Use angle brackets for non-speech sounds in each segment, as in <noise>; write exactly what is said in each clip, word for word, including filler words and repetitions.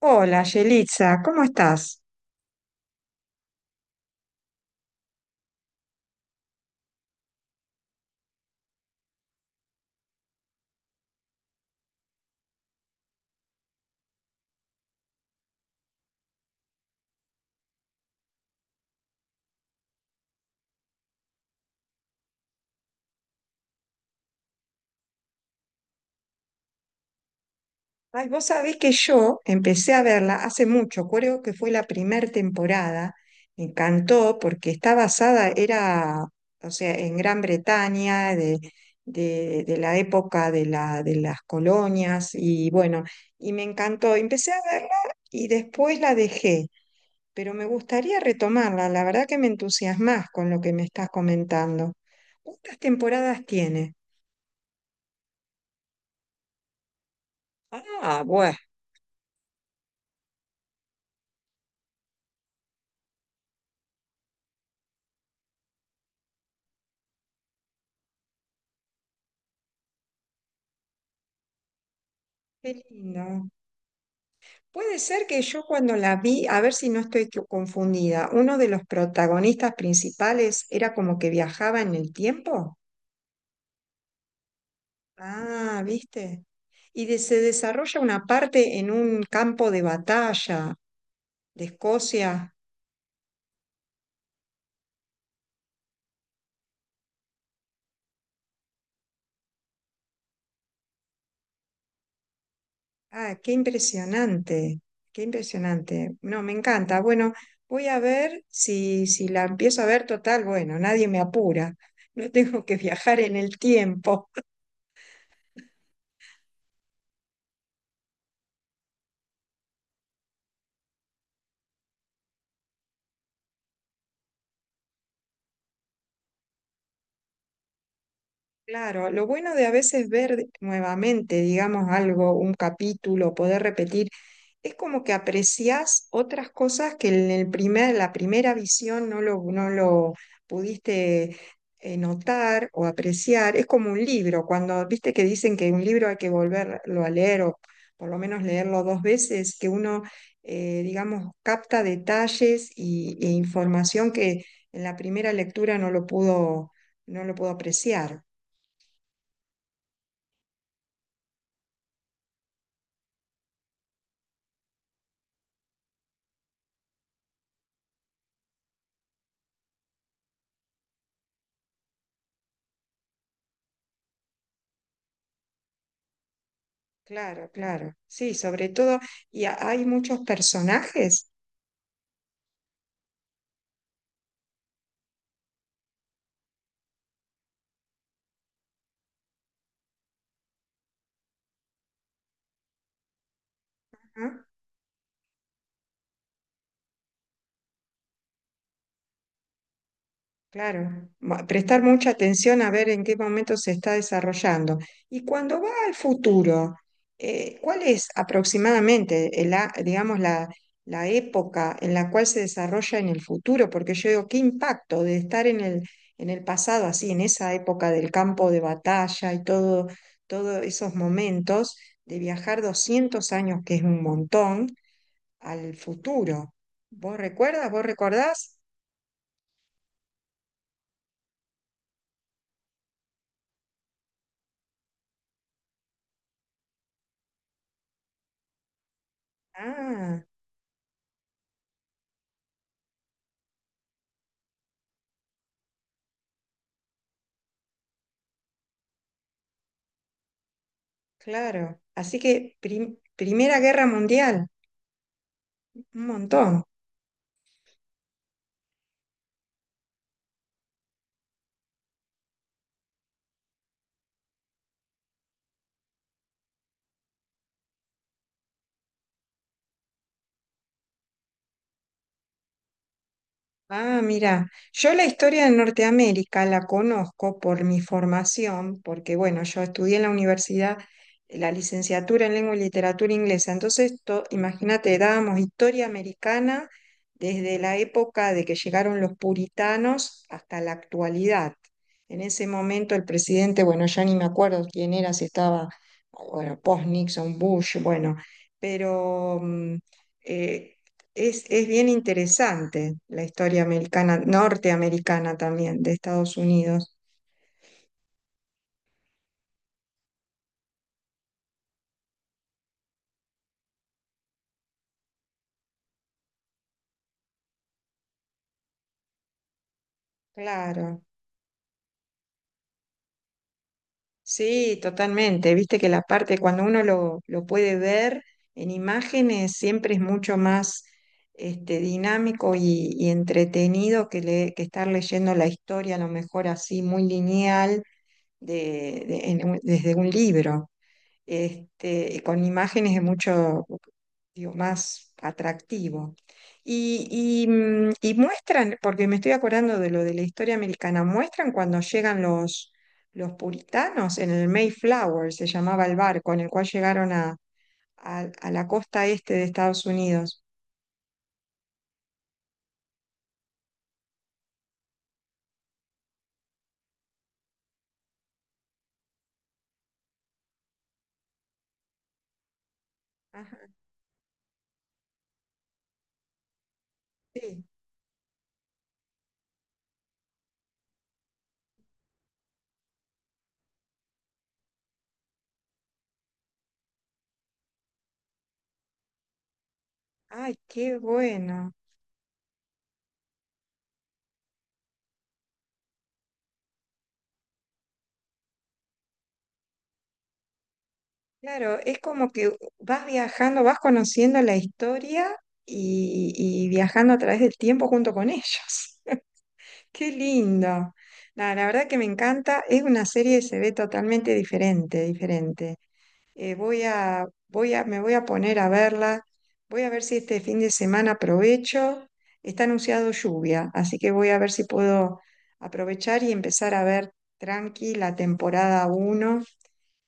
Hola, Yelitza, ¿cómo estás? Ay, vos sabés que yo empecé a verla hace mucho, creo que fue la primera temporada. Me encantó porque está basada, era, o sea, en Gran Bretaña, de, de- de la época de, la, de las colonias, y bueno, y me encantó. Empecé a verla y después la dejé, pero me gustaría retomarla. La verdad que me entusiasmás con lo que me estás comentando. ¿Cuántas temporadas tiene? Ah, bueno. Qué lindo. Puede ser que yo cuando la vi, a ver si no estoy co- confundida, uno de los protagonistas principales era como que viajaba en el tiempo. Ah, ¿viste? Y de- se desarrolla una parte en un campo de batalla de Escocia. Ah, qué impresionante, qué impresionante. No, me encanta. Bueno, voy a ver si, si la empiezo a ver total. Bueno, nadie me apura. No tengo que viajar en el tiempo. Claro, lo bueno de a veces ver de- nuevamente, digamos, algo, un capítulo, poder repetir, es como que apreciás otras cosas que en el primer, la primera visión no lo, no lo pudiste eh, notar o apreciar. Es como un libro, cuando viste que dicen que un libro hay que volverlo a leer o por lo menos leerlo dos veces, que uno, eh, digamos, capta detalles y, e información que en la primera lectura no lo pudo, no lo pudo apreciar. Claro, claro. Sí, sobre todo, y a- hay muchos personajes. Ajá. Claro, Mu- prestar mucha atención a ver en qué momento se está desarrollando. Y cuando va al futuro, eh, ¿cuál es aproximadamente, el a- digamos, la, la época en la cual se desarrolla en el futuro? Porque yo digo, ¿qué impacto de estar en el, en el pasado, así, en esa época del campo de batalla y todo, todos esos momentos, de viajar doscientos años, que es un montón? Al futuro. ¿Vos recuerdas? ¿Vos recordás? Ah, claro. Así que prim- Primera Guerra Mundial, un montón. Ah, mira, yo la historia de Norteamérica la conozco por mi formación, porque bueno, yo estudié en la universidad eh, la licenciatura en lengua y literatura inglesa, entonces to- imagínate, dábamos historia americana desde la época de que llegaron los puritanos hasta la actualidad. En ese momento el presidente, bueno, ya ni me acuerdo quién era, si estaba, bueno, post-Nixon, Bush, bueno, pero... mm, eh, es, es bien interesante la historia americana, norteamericana también, de Estados Unidos. Claro, sí, totalmente. Viste que la parte cuando uno lo, lo puede ver en imágenes siempre es mucho más este, dinámico y, y entretenido que, le- que estar leyendo la historia, a lo mejor así muy lineal de, de- en un- desde un libro. Este, con imágenes es mucho, digo, más atractivo. Y, y, mm, y muestran, porque me estoy acordando de lo de la historia americana, muestran cuando llegan los, los puritanos en el Mayflower, se llamaba el barco en el cual llegaron a, a- a la costa este de Estados Unidos. Ajá, sí. Ay, qué bueno. Claro, es como que vas viajando, vas conociendo la historia y, y viajando a través del tiempo junto con ellos. Qué lindo. La, la verdad que me encanta. Es una serie que se ve totalmente diferente, diferente. Eh, voy a, voy a, me voy a poner a verla. Voy a ver si este fin de semana aprovecho. Está anunciado lluvia, así que voy a ver si puedo aprovechar y empezar a ver tranqui la temporada uno.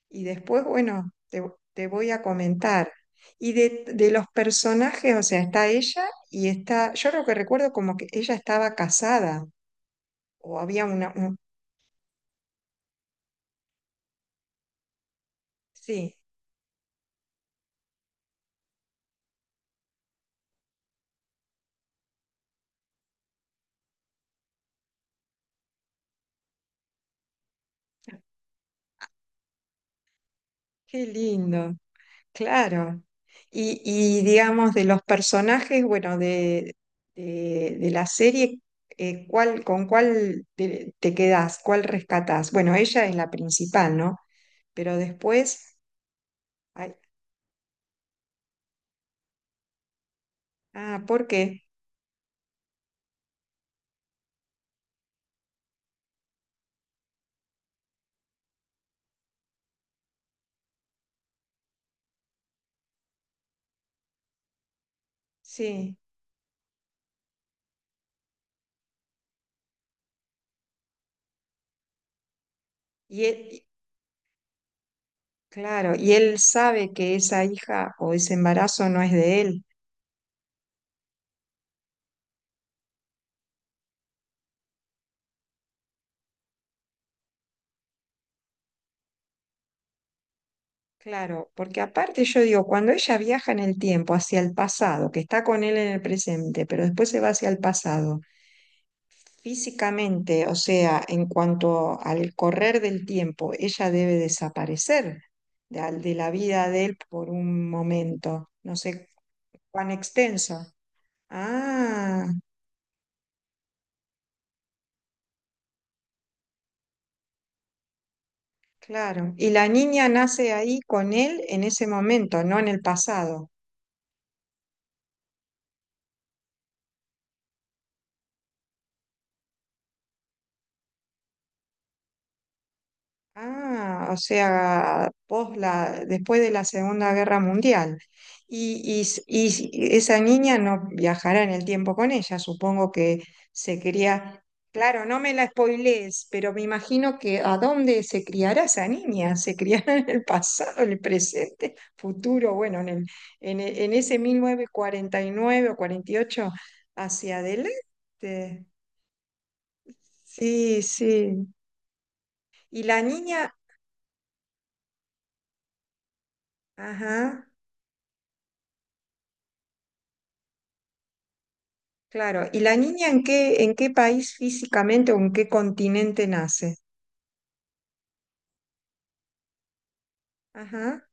Y después, bueno, te, te voy a comentar. Y de, de los personajes, o sea, está ella y está, yo lo que recuerdo como que ella estaba casada. O había una, un- sí, qué lindo, claro. Y, y, digamos, de los personajes, bueno, de, de, de la serie, eh, ¿cuál, con cuál te, te quedás? ¿Cuál rescatás? Bueno, ella es la principal, ¿no? Pero después, ay, ah, ¿por qué? Sí. Y él, y- claro, y él sabe que esa hija o ese embarazo no es de él. Claro, porque aparte yo digo, cuando ella viaja en el tiempo hacia el pasado, que está con él en el presente, pero después se va hacia el pasado, físicamente, o sea, en cuanto al correr del tiempo, ella debe desaparecer de, al- de la vida de él por un momento, no sé cuán extenso. Ah, claro. Y la niña nace ahí con él en ese momento, no en el pasado. Ah, o sea, pos la, después de la Segunda Guerra Mundial. Y, y s- y s- y esa niña no viajará en el tiempo con ella, supongo que se cría. Claro, no me la spoilees, pero me imagino que ¿a dónde se criará esa niña? ¿Se criará en el pasado, en el presente, futuro? Bueno, en el, en, e- en ese mil novecientos cuarenta y nueve o cuarenta y ocho hacia adelante. Sí, sí. Y la niña, ajá. Claro, ¿y la niña en qué, en qué país físicamente o en qué continente nace? Ajá.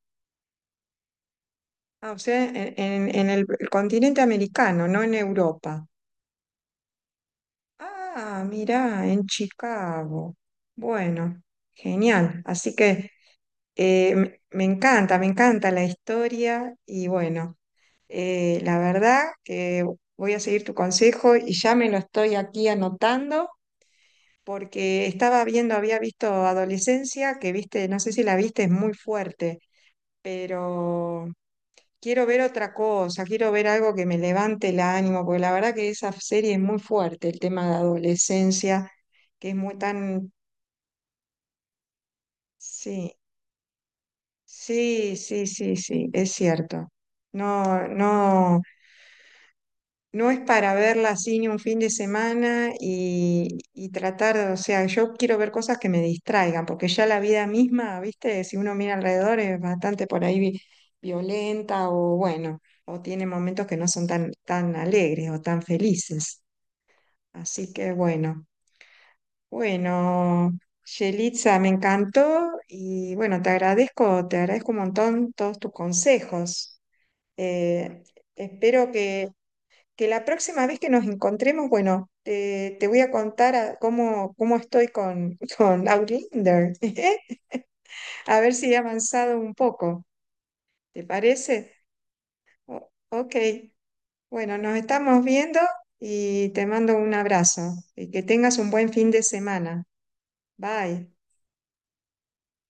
Ah, o sea, en, en- en el, el continente americano, no en Europa. Ah, mirá, en Chicago. Bueno, genial. Así que eh, me, me encanta, me encanta la historia y bueno, eh, la verdad que voy a seguir tu consejo y ya me lo estoy aquí anotando porque estaba viendo, había visto Adolescencia, que viste, no sé si la viste, es muy fuerte, pero quiero ver otra cosa, quiero ver algo que me levante el ánimo, porque la verdad que esa serie es muy fuerte, el tema de adolescencia, que es muy tan... Sí, sí, sí, sí, sí, es cierto. No, no. No es para verla así ni un fin de semana y, y tratar, o sea, yo quiero ver cosas que me distraigan, porque ya la vida misma, viste, si uno mira alrededor es bastante por ahí vi- violenta o bueno, o tiene momentos que no son tan, tan alegres o tan felices. Así que bueno, bueno, Yelitza, me encantó y bueno, te agradezco, te agradezco un montón todos tus consejos. Eh, espero que que la próxima vez que nos encontremos, bueno, te, te voy a contar a- cómo, cómo estoy con, con Outlander, <laughs> a ver si he avanzado un poco, ¿te parece? O- ok, bueno, nos estamos viendo y te mando un abrazo y que tengas un buen fin de semana. Bye.